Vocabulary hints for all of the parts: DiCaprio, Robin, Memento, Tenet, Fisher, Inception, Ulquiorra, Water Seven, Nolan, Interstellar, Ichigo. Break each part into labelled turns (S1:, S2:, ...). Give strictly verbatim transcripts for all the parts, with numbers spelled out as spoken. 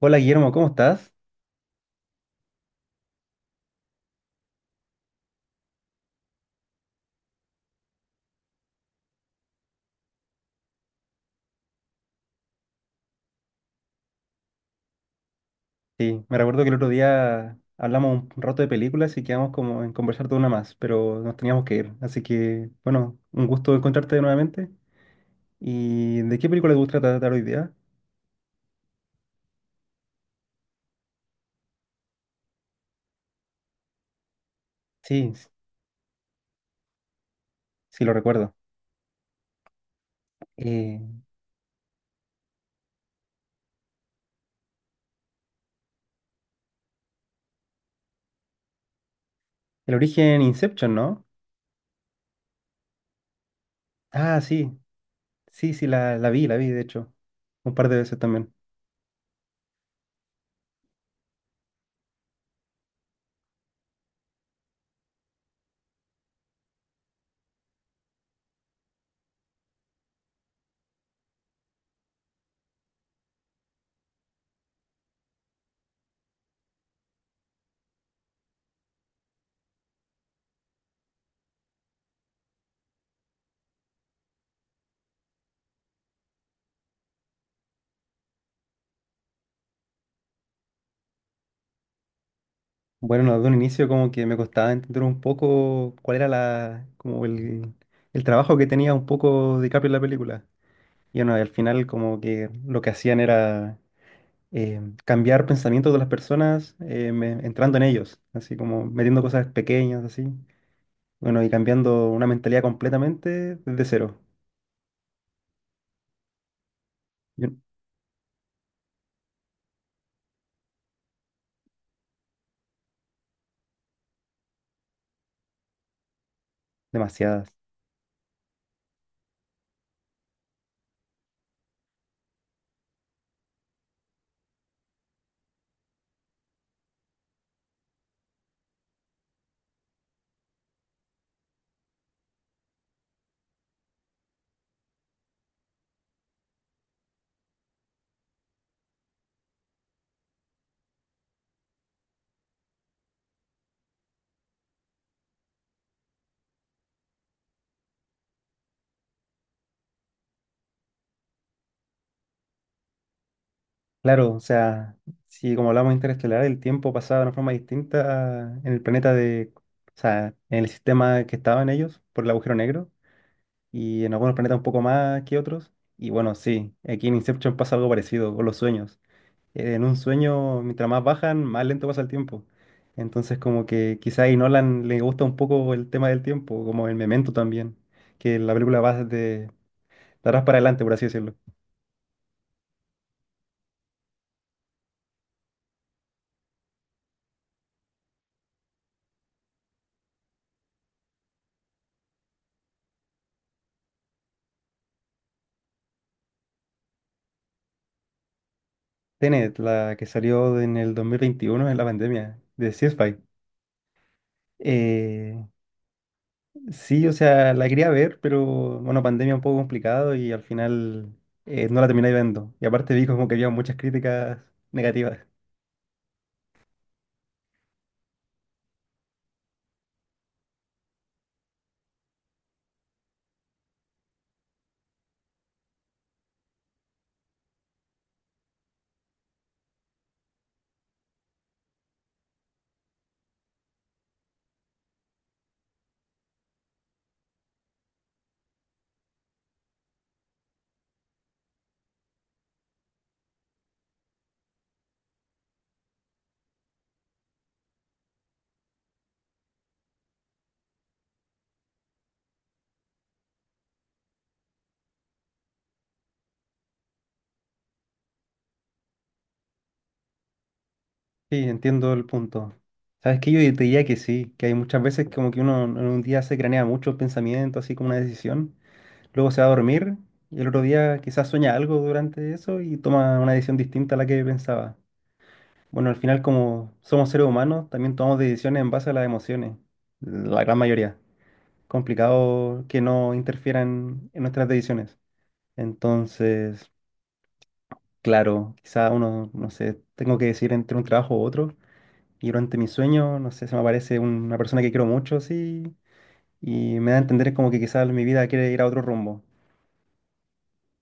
S1: Hola Guillermo, ¿cómo estás? Sí, me recuerdo que el otro día hablamos un rato de películas y quedamos como en conversar de una más, pero nos teníamos que ir. Así que, bueno, un gusto encontrarte nuevamente. ¿Y de qué película te gusta tratar hoy día? Sí, s- sí, lo recuerdo. Eh, el origen Inception, ¿no? Ah, sí, sí, sí, la, la vi, la vi, de hecho, un par de veces también. Bueno, de un inicio como que me costaba entender un poco cuál era la, como el, el trabajo que tenía un poco DiCaprio en la película. Y bueno, y al final como que lo que hacían era eh, cambiar pensamientos de las personas, eh, me- entrando en ellos, así como metiendo cosas pequeñas, así. Bueno, y cambiando una mentalidad completamente desde cero. Yo- Demasiadas. Claro, o sea, si como hablamos de interestelar, el tiempo pasaba de una forma distinta en el planeta de, o sea, en el sistema que estaban ellos por el agujero negro y en algunos planetas un poco más que otros. Y bueno, sí, aquí en Inception pasa algo parecido con los sueños. eh, En un sueño, mientras más bajan, más lento pasa el tiempo. Entonces, como que quizá a Nolan le gusta un poco el tema del tiempo, como el Memento también, que la película va de, de atrás para adelante, por así decirlo. Tenet, la que salió en el dos mil veintiuno en la pandemia, de sci Eh, sí, o sea, la quería ver, pero bueno, pandemia un poco complicado y al final eh, no la terminé viendo. Y aparte vi como que había muchas críticas negativas. Sí, entiendo el punto. Sabes que yo te diría que sí, que hay muchas veces como que uno en un día se cranea mucho el pensamiento, así como una decisión, luego se va a dormir y el otro día quizás sueña algo durante eso y toma una decisión distinta a la que pensaba. Bueno, al final como somos seres humanos, también tomamos decisiones en base a las emociones, la gran mayoría. Complicado que no interfieran en nuestras decisiones. Entonces, claro, quizás uno, no sé, tengo que decir entre un trabajo u otro. Y durante mi sueño, no sé, se me aparece un- una persona que quiero mucho, sí, y me da a entender como que quizás mi vida quiere ir a otro rumbo.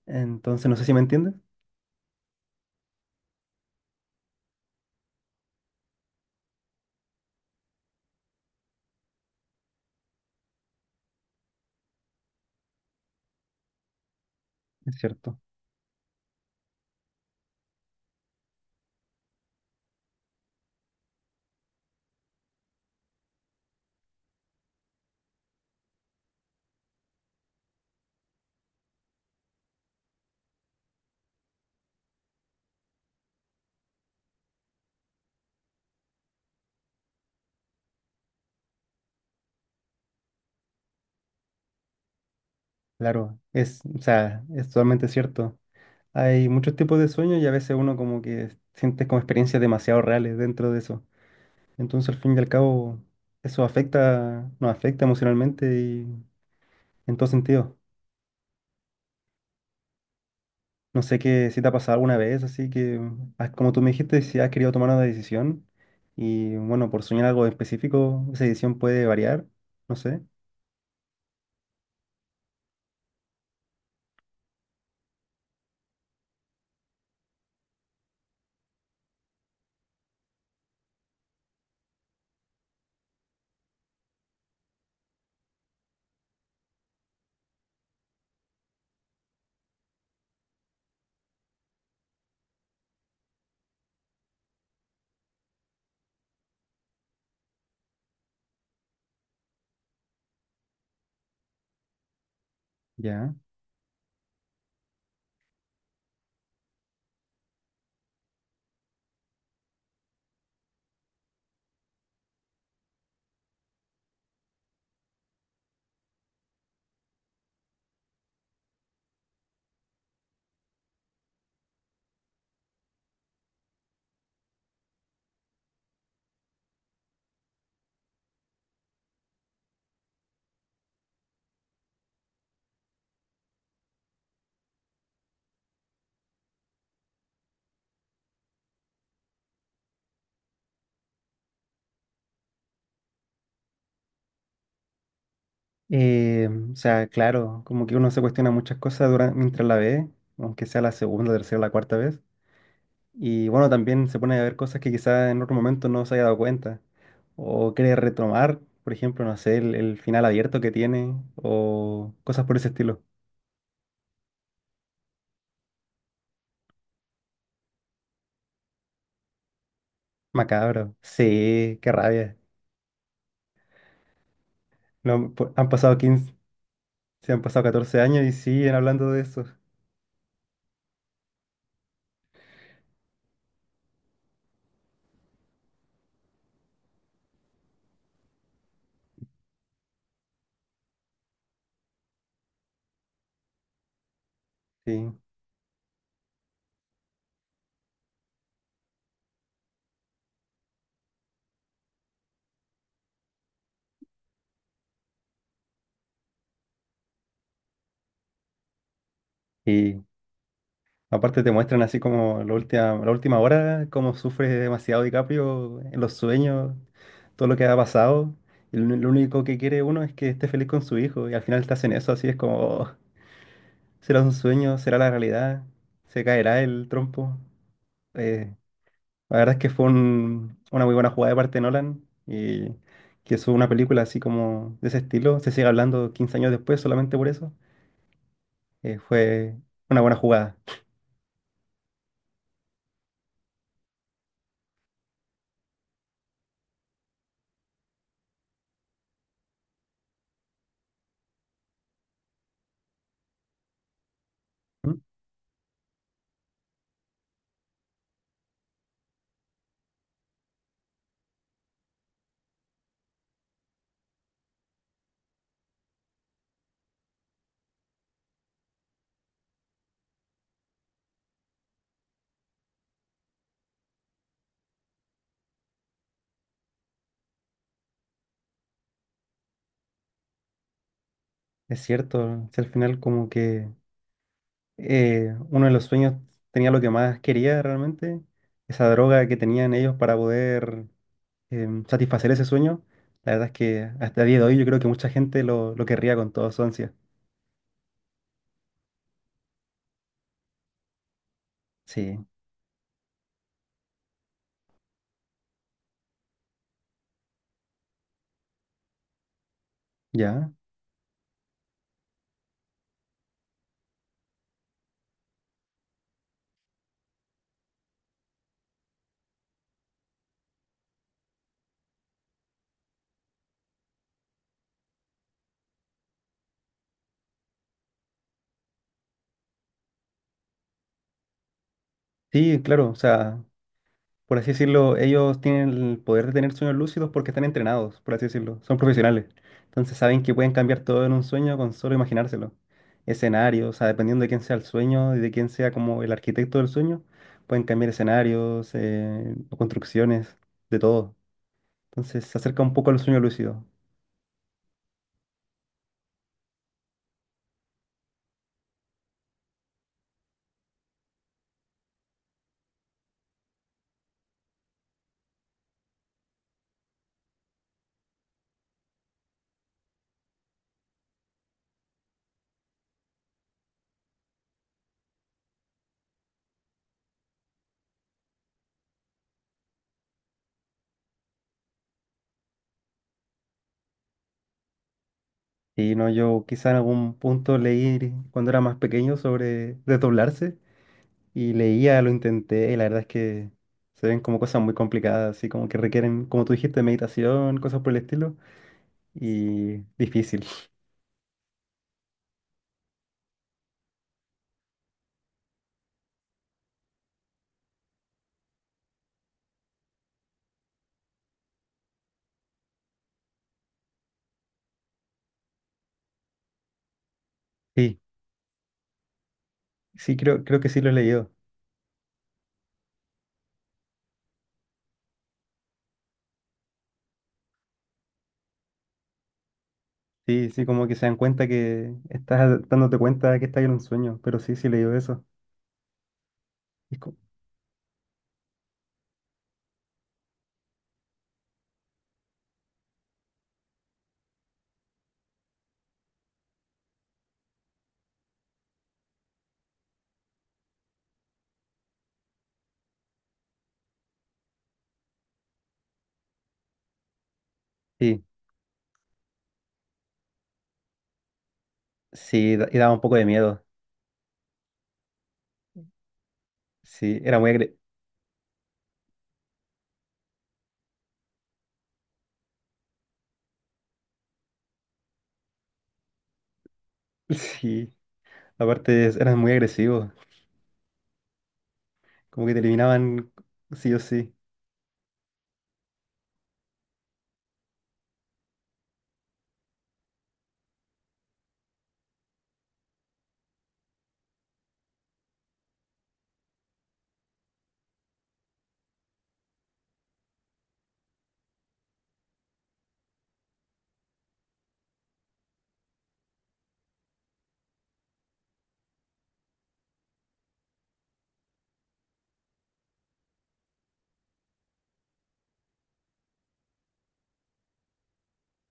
S1: Entonces, no sé si me entiendes. Es cierto, claro, es, o sea, es totalmente cierto. Hay muchos tipos de sueños y a veces uno como que siente como experiencias demasiado reales dentro de eso. Entonces, al fin y al cabo, eso afecta, nos afecta emocionalmente y en todo sentido. No sé qué si te ha pasado alguna vez, así que ah, como tú me dijiste, si has querido tomar una decisión y bueno, por soñar algo específico, esa decisión puede variar, no sé, ya. Eh, o sea, claro, como que uno se cuestiona muchas cosas durante, mientras la ve, aunque sea la segunda, tercera, la cuarta vez. Y bueno, también se pone a ver cosas que quizás en otro momento no se haya dado cuenta. O quiere retomar, por ejemplo, no sé, el, el final abierto que tiene, o cosas por ese estilo. Macabro. Sí, qué rabia. No, pu- han pasado quince se han pasado catorce años y siguen hablando de eso. Sí. Y aparte te muestran así como la última, la última hora, cómo sufre demasiado DiCaprio en los sueños, todo lo que ha pasado. Y lo, lo único que quiere uno es que esté feliz con su hijo. Y al final te hacen eso, así es como, "Oh, será un sueño, será la realidad, se caerá el trompo. Eh, La verdad es que fue un- una muy buena jugada de parte de Nolan y que es una película así como de ese estilo, se sigue hablando quince años después solamente por eso, eh, fue una buena jugada. ¿Mm? Es cierto, si al final como que eh, uno de los sueños tenía lo que más quería realmente, esa droga que tenían ellos para poder em, satisfacer ese sueño, la verdad es que hasta el día de hoy yo creo que mucha gente lo, lo querría con toda su ansia. Sí, ya. Sí, claro, o sea... por así decirlo, ellos tienen el poder de tener sueños lúcidos porque están entrenados, por así decirlo, son profesionales. Entonces saben que pueden cambiar todo en un sueño con solo imaginárselo. Escenarios, o sea, dependiendo de quién sea el sueño y de quién sea como el arquitecto del sueño, pueden cambiar escenarios, eh, o construcciones, de todo. Entonces se acerca un poco al sueño lúcido. Y no, yo quizá en algún punto leí cuando era más pequeño sobre desdoblarse y leía, lo intenté, y la verdad es que se ven como cosas muy complicadas, así como que requieren, como tú dijiste, meditación, cosas por el estilo, y difícil. Sí, sí, creo, creo que sí lo he leído. Sí, sí, como que se dan cuenta que estás dándote cuenta que estás en un sueño, pero sí, sí he leído eso. Y co- Sí, sí, da- y daba un poco de miedo. Sí, era muy agre... Sí, aparte es- eran muy agresivos, como que te eliminaban sí o sí.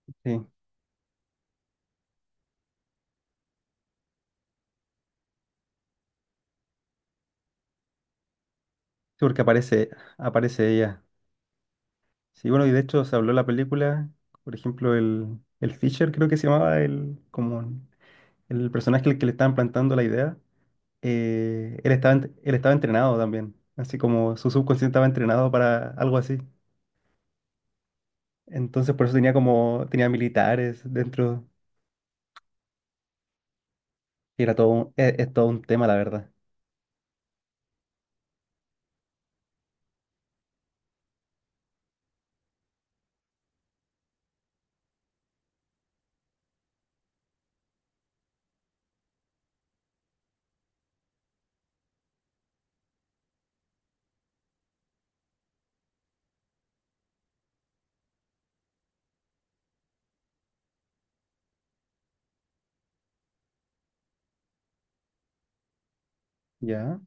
S1: Sí, sí, porque aparece, aparece ella. Sí, bueno, y de hecho se habló en la película, por ejemplo, el, el Fisher creo que se llamaba, el, como el personaje al que le estaban plantando la idea, eh, él estaba, ent- él estaba entrenado también, así como su subconsciente estaba entrenado para algo así. Entonces por eso tenía como, tenía militares dentro, y era todo un- es, es todo un tema, la verdad. ¿Ya?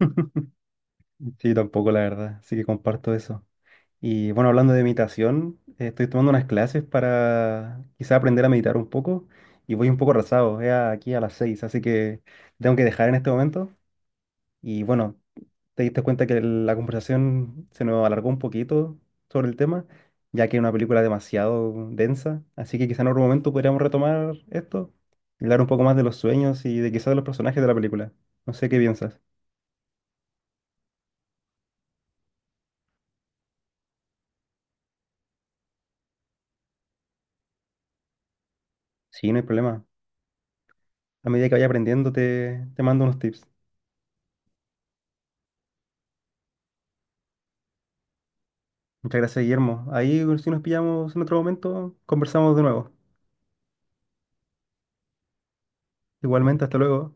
S1: Sí, tampoco, la verdad, así que comparto eso. Y bueno, hablando de meditación, eh, estoy tomando unas clases para quizá aprender a meditar un poco y voy un poco arrasado, es a- aquí a las seis, así que tengo que dejar en este momento. Y bueno, te diste cuenta que la conversación se nos alargó un poquito sobre el tema, ya que es una película demasiado densa, así que quizá en otro momento podríamos retomar esto y hablar un poco más de los sueños y de quizá de los personajes de la película. No sé qué piensas. Sí, no hay problema. A medida que vaya aprendiendo te, te mando unos tips. Muchas gracias, Guillermo. Ahí, si nos pillamos en otro momento, conversamos de nuevo. Igualmente, hasta luego.